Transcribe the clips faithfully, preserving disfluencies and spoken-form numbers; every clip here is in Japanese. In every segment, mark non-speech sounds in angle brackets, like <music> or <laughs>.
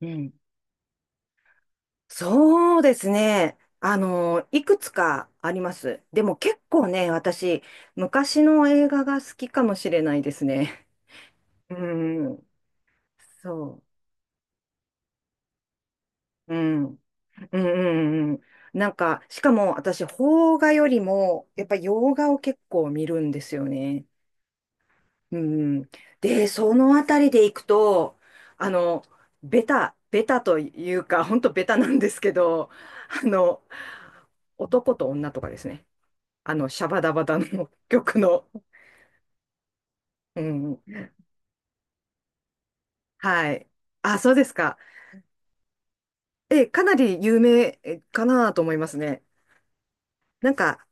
うん。そうですね。あの、いくつかあります。でも結構ね、私、昔の映画が好きかもしれないですね。<laughs> うん。そう。うん。うんうんうん。なんか、しかも私、邦画よりも、やっぱ洋画を結構見るんですよね。うん。で、そのあたりでいくと、あの、ベタ、ベタというか、ほんとベタなんですけど、あの、男と女とかですね。あの、シャバダバダの <laughs> 曲の。うん。はい。あ、そうですか。え、かなり有名えかなと思いますね。なんか、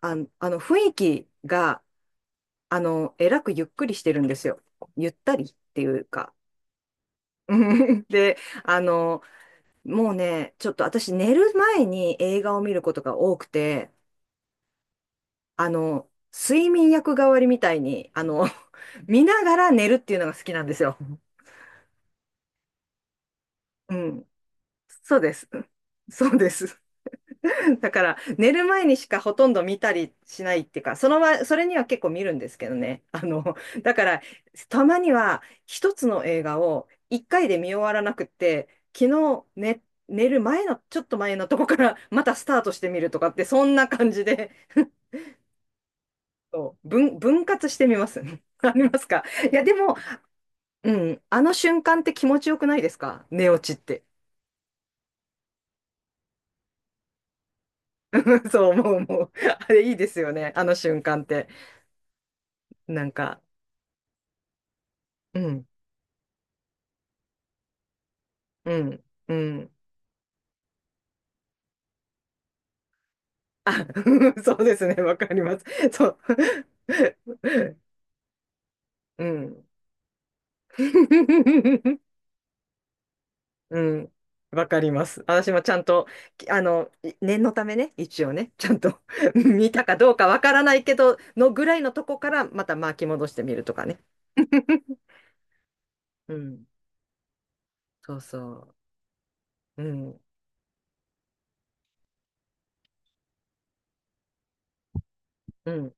あの、あの雰囲気が、あの、えらくゆっくりしてるんですよ。ゆったりっていうか。<laughs> で、あの、もうね、ちょっと私寝る前に映画を見ることが多くて、あの、睡眠薬代わりみたいに、あの、<laughs> 見ながら寝るっていうのが好きなんですよ。うん。そうです。<laughs> そうです。<laughs> だから、寝る前にしかほとんど見たりしないっていうか、そのま、それには結構見るんですけどね。あの、だから、たまには一つの映画を一回で見終わらなくって、昨日寝、寝る前の、ちょっと前のとこからまたスタートしてみるとかって、そんな感じで、そう分、分割してみます。<laughs> ありますか？いや、でも、うん、あの瞬間って気持ちよくないですか？寝落ちって。<laughs> そう思う、思う。あれいいですよね、あの瞬間って。なんか、うん。うん、うん。あ、<laughs> そうですね、わかります。そう。<laughs> うん。<laughs> うん。わかります。私もちゃんと、きあの、い念のためね、一応ね、ちゃんと <laughs> 見たかどうかわからないけど、のぐらいのとこからまた巻き戻してみるとかね。<laughs> うん。そうそう。うん。うん。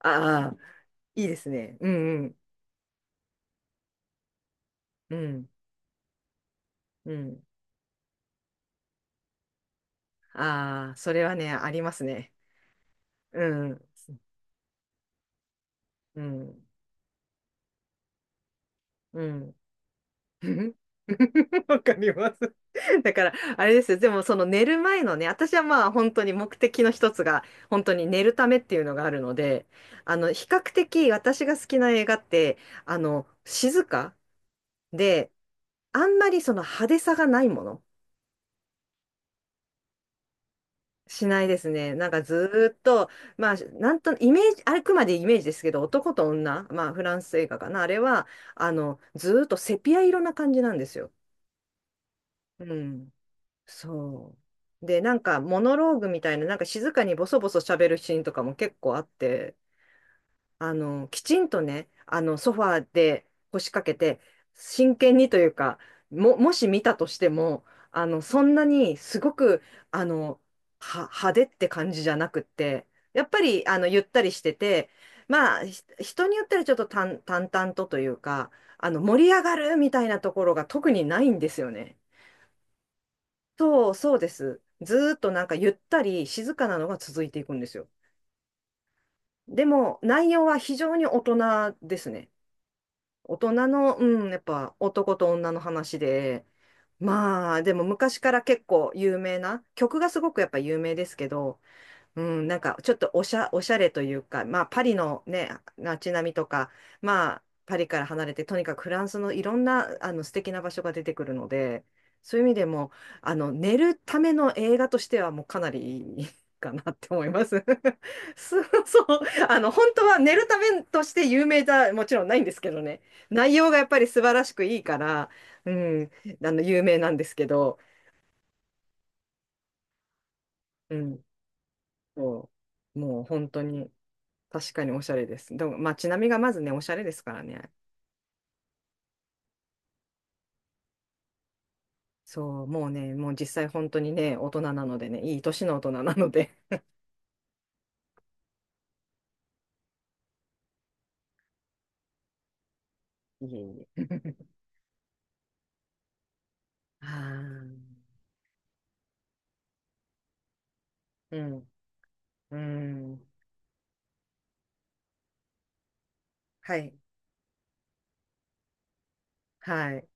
ああ、いいですね。うんうん。うん。うん。ああ、それはね、ありますね。うん。うん。うん。<laughs> うん、わかります。だから、あれですよ。でも、その寝る前のね、私はまあ本当に目的の一つが、本当に寝るためっていうのがあるので、あの、比較的私が好きな映画って、あの、静かで、あんまりその派手さがないもの。しないですね。なんかずーっと、まあ、なんと、イメージ、あくまでイメージですけど、男と女、まあ、フランス映画かな、あれは、あの、ずーっとセピア色な感じなんですよ。うん。そう。で、なんかモノローグみたいな、なんか静かにボソボソ喋るシーンとかも結構あって、あの、きちんとね、あの、ソファーで腰掛けて、真剣にというか、も、もし見たとしても、あの、そんなにすごく、あの、は、派手って感じじゃなくって、やっぱり、あの、ゆったりしてて、まあ、ひ人によったらちょっと淡淡々とというか、あの、盛り上がるみたいなところが特にないんですよね。そう、そうです。ずーっとなんかゆったり静かなのが続いていくんですよ。でも内容は非常に大人ですね。大人の、うん、やっぱ男と女の話で、まあでも昔から結構有名な、曲がすごくやっぱ有名ですけど、うん、なんかちょっとおしゃ、おしゃれというか、まあパリのね、街並みとか、まあパリから離れて、とにかくフランスのいろんなあの素敵な場所が出てくるので、そういう意味でも、あの寝るための映画としてはもうかなりいいかなって思います。<laughs> そう、そう、あの本当は寝るためとして有名じゃもちろんないんですけどね、内容がやっぱり素晴らしくいいから、うん、あの有名なんですけど、うん、そうもう本当に。確かにおしゃれです。でも、まあ街並みがまずね、おしゃれですからね。そう、もうね、もう実際本当にね、大人なのでね、いい年の大人なので。<laughs> いえいえ。<laughs> ああ、うん、うん、はい、はい、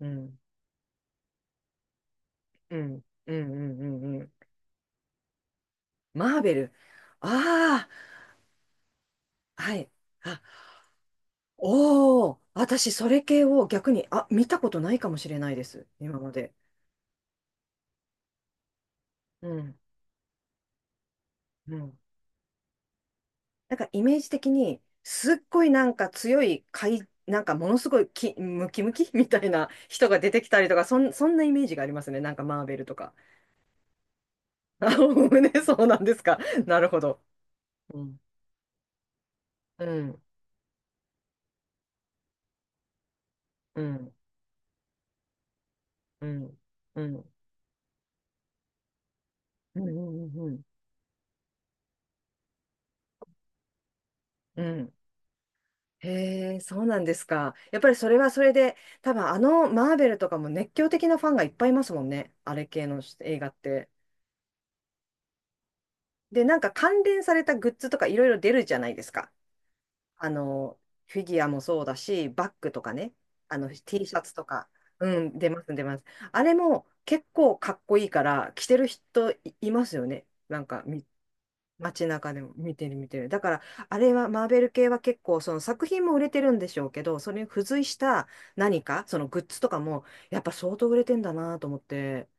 うん、うん、うん、うん、うんうん。マーベル。ああ、はい。あ、おお、私、それ系を逆に、あ、見たことないかもしれないです。今まで。うん、うん。なんかイメージ的に、すっごいなんか強い、かい、なんかものすごいき、ムキムキ <laughs> みたいな人が出てきたりとか、そん、そんなイメージがありますね。なんかマーベルとか。あ、<laughs> ね、そうなんですか。なるほど。うん。うん。うん。うん。うん。うん。うん。うん。へえ、そうなんですか。やっぱりそれはそれで、多分あのマーベルとかも熱狂的なファンがいっぱいいますもんね。あれ系の映画って。で、なんか関連されたグッズとかいろいろ出るじゃないですか。あの、フィギュアもそうだし、バッグとかね、あの、T シャツとか、うん、出ます、出ます。あれも結構かっこいいから、着てる人い、いますよね。なんか、み、街中でも見てる、見てる。だから、あれは、マーベル系は結構、その作品も売れてるんでしょうけど、それに付随した何か、そのグッズとかも、やっぱ相当売れてんだなと思って、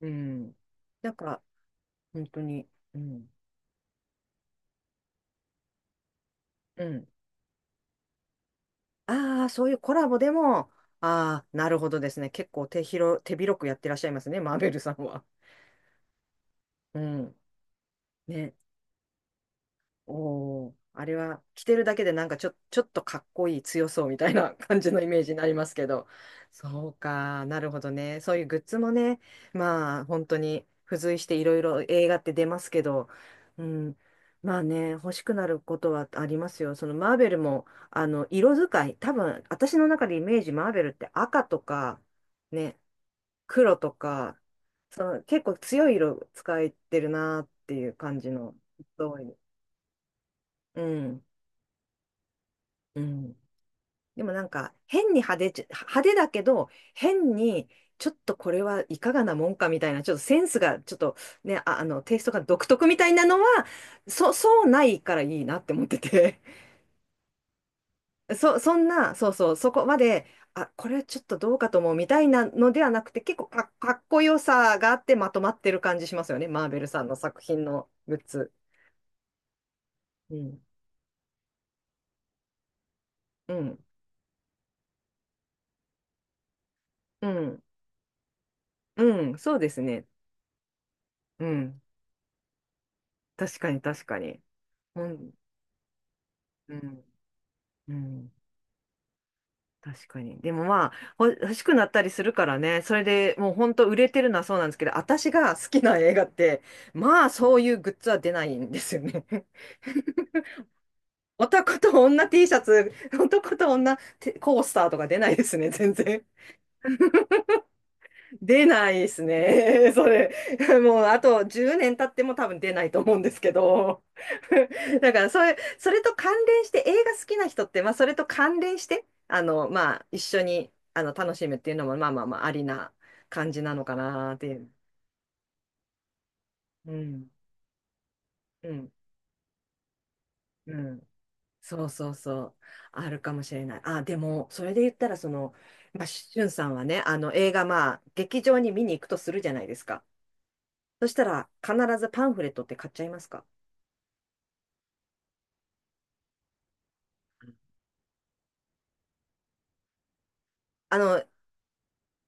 うん。なんか、本当に、うん、うん。ああ、そういうコラボでも、ああ、なるほどですね。結構手広、手広くやってらっしゃいますね、マーベルさんは。うん。ね。おお、あれは着てるだけでなんかちょ、ちょっとかっこいい強そうみたいな感じのイメージになりますけど、そうか、なるほどね。そういうグッズもね、まあ本当に付随していろいろ映画って出ますけど、うん、まあね、欲しくなることはありますよ。そのマーベルも、あの、色使い、多分私の中でイメージマーベルって赤とか、ね、黒とか、その結構強い色使えてるなっていう感じの、多い。うん。うん。でもなんか変に派手じゃ、派手だけど変にちょっとこれはいかがなもんかみたいなちょっとセンスがちょっとねあ、あのテイストが独特みたいなのはそ、<laughs> そうないからいいなって思ってて <laughs> そ、そんなそうそうそこまであこれちょっとどうかと思うみたいなのではなくて結構か、かっこよさがあってまとまってる感じしますよねマーベルさんの作品のグッズ。うん、うん、うん、うん、そうですね。うん、確かに確かに。うんうんうん、確かに。でもまあ、ほ欲しくなったりするからね、それでもう本当売れてるのはそうなんですけど、私が好きな映画って、まあそういうグッズは出ないんですよね。<laughs> 男と女 T シャツ、男と女てコースターとか出ないですね、全然。出ないですね。<laughs> それ。<laughs> もう、あとじゅうねん経っても多分出ないと思うんですけど。<laughs> だから、それ、それと関連して、映画好きな人って、まあ、それと関連して、あの、まあ、一緒に、あの、楽しむっていうのも、まあまあまあ、ありな感じなのかなっていう。うん、うん、うん。そうそうそう。あるかもしれない。あ、でも、それで言ったら、その、まあ、しゅんさんはね、あの、映画、まあ、劇場に見に行くとするじゃないですか。そしたら、必ずパンフレットって買っちゃいますか？あの、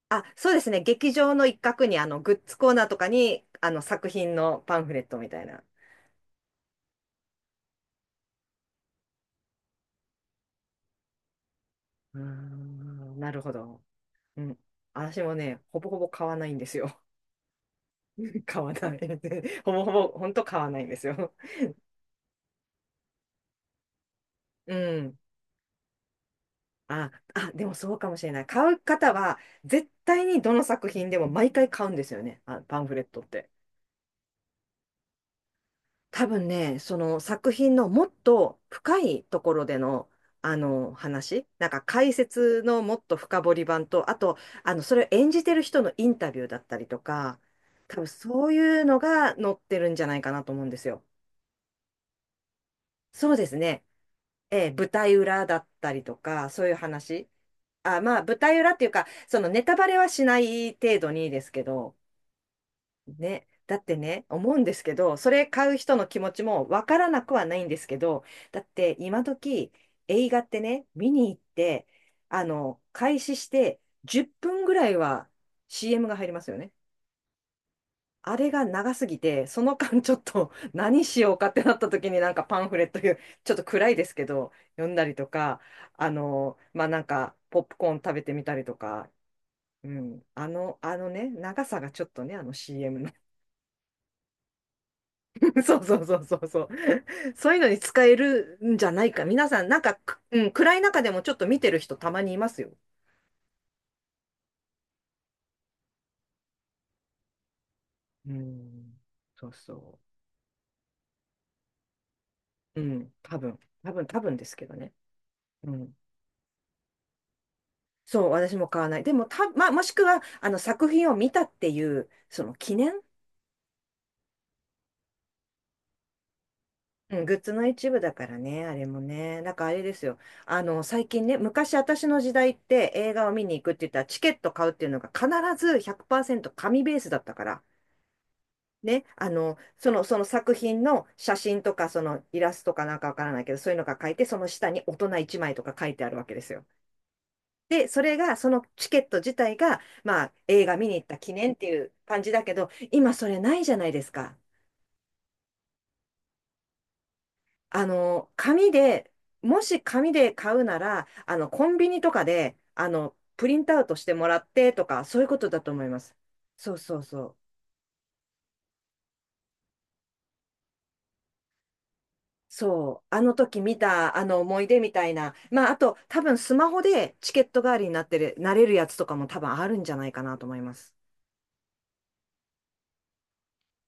あ、そうですね。劇場の一角に、あの、グッズコーナーとかに、あの、作品のパンフレットみたいな。うーん、なるほど。うん。私もね、ほぼほぼ買わないんですよ。<laughs> 買わない。<laughs> ほぼほぼ、ほんと買わないんですよ。うん。あ、あ、でもそうかもしれない。買う方は、絶対にどの作品でも毎回買うんですよね。あ、パンフレットって。多分ね、その作品のもっと深いところでの、あの話、なんか解説のもっと深掘り版と、あと、あの、それを演じてる人のインタビューだったりとか、多分そういうのが載ってるんじゃないかなと思うんですよ。そうですね。ええ、舞台裏だったりとか、そういう話。あ、まあ、舞台裏っていうか、そのネタバレはしない程度にですけど、ね、だってね、思うんですけど、それ買う人の気持ちもわからなくはないんですけど、だって今時映画ってね、見に行って、あの、開始してじゅっぷんぐらいは シーエム が入りますよね。あれが長すぎて、その間ちょっと <laughs> 何しようかってなった時になんかパンフレットいう、ちょっと暗いですけど、読んだりとか、あの、まあ、なんかポップコーン食べてみたりとか、うん、あの、あのね、長さがちょっとね、あの シーエム の。<laughs> そうそうそうそうそう。<laughs> そういうのに使えるんじゃないか。皆さん、なんか、くうん、暗い中でもちょっと見てる人たまにいますよ。うん。そうそう。うん。多分、多分、多分ですけどね。うん。そう、私も買わない。でも、た、まあ、もしくは、あの、作品を見たっていう、その記念、うん、グッズの一部だからね、あれもね。なんかあれですよ。あの、最近ね、昔私の時代って映画を見に行くって言ったら、チケット買うっていうのが必ずひゃくパーセント紙ベースだったから。ね、あの、その、その作品の写真とか、そのイラストかなんかわからないけど、そういうのが書いて、その下に大人いちまいとか書いてあるわけですよ。で、それが、そのチケット自体が、まあ、映画見に行った記念っていう感じだけど、今それないじゃないですか。あの、紙で、もし紙で買うなら、あの、コンビニとかで、あの、プリントアウトしてもらってとか、そういうことだと思います。そうそうそう。そう、あの時見たあの思い出みたいな、まあ、あと多分スマホでチケット代わりになってる、なれるやつとかも多分あるんじゃないかなと思います。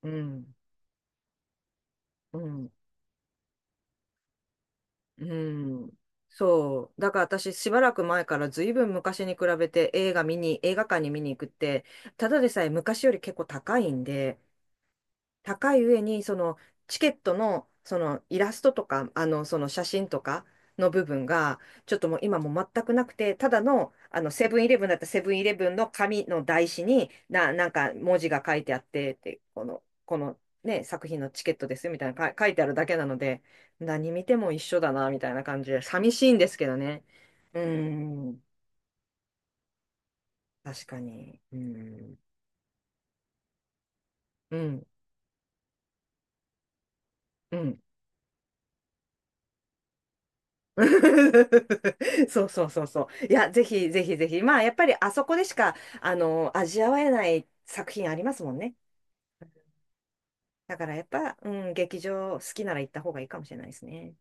うん、うん、うん。そう、だから私しばらく前からずいぶん昔に比べて映画見に、映画館に見に行くって、ただでさえ昔より結構高いんで、高い上に、そのチケットの、そのイラストとか、あの、その写真とかの部分が、ちょっともう今もう全くなくて、ただの、あの、セブンイレブンだったらセブンイレブンの紙の台紙に、な、なんか文字が書いてあって、って、この、このね、作品のチケットですよみたいなか書いてあるだけなので、何見ても一緒だな、みたいな感じで、寂しいんですけどね。うーん、確かに。うーん、うん、うん。<laughs> そうそうそうそう。いや、ぜひぜひぜひ。まあ、やっぱりあそこでしか、あの、味わえない作品ありますもんね。だからやっぱ、うん、劇場好きなら行った方がいいかもしれないですね。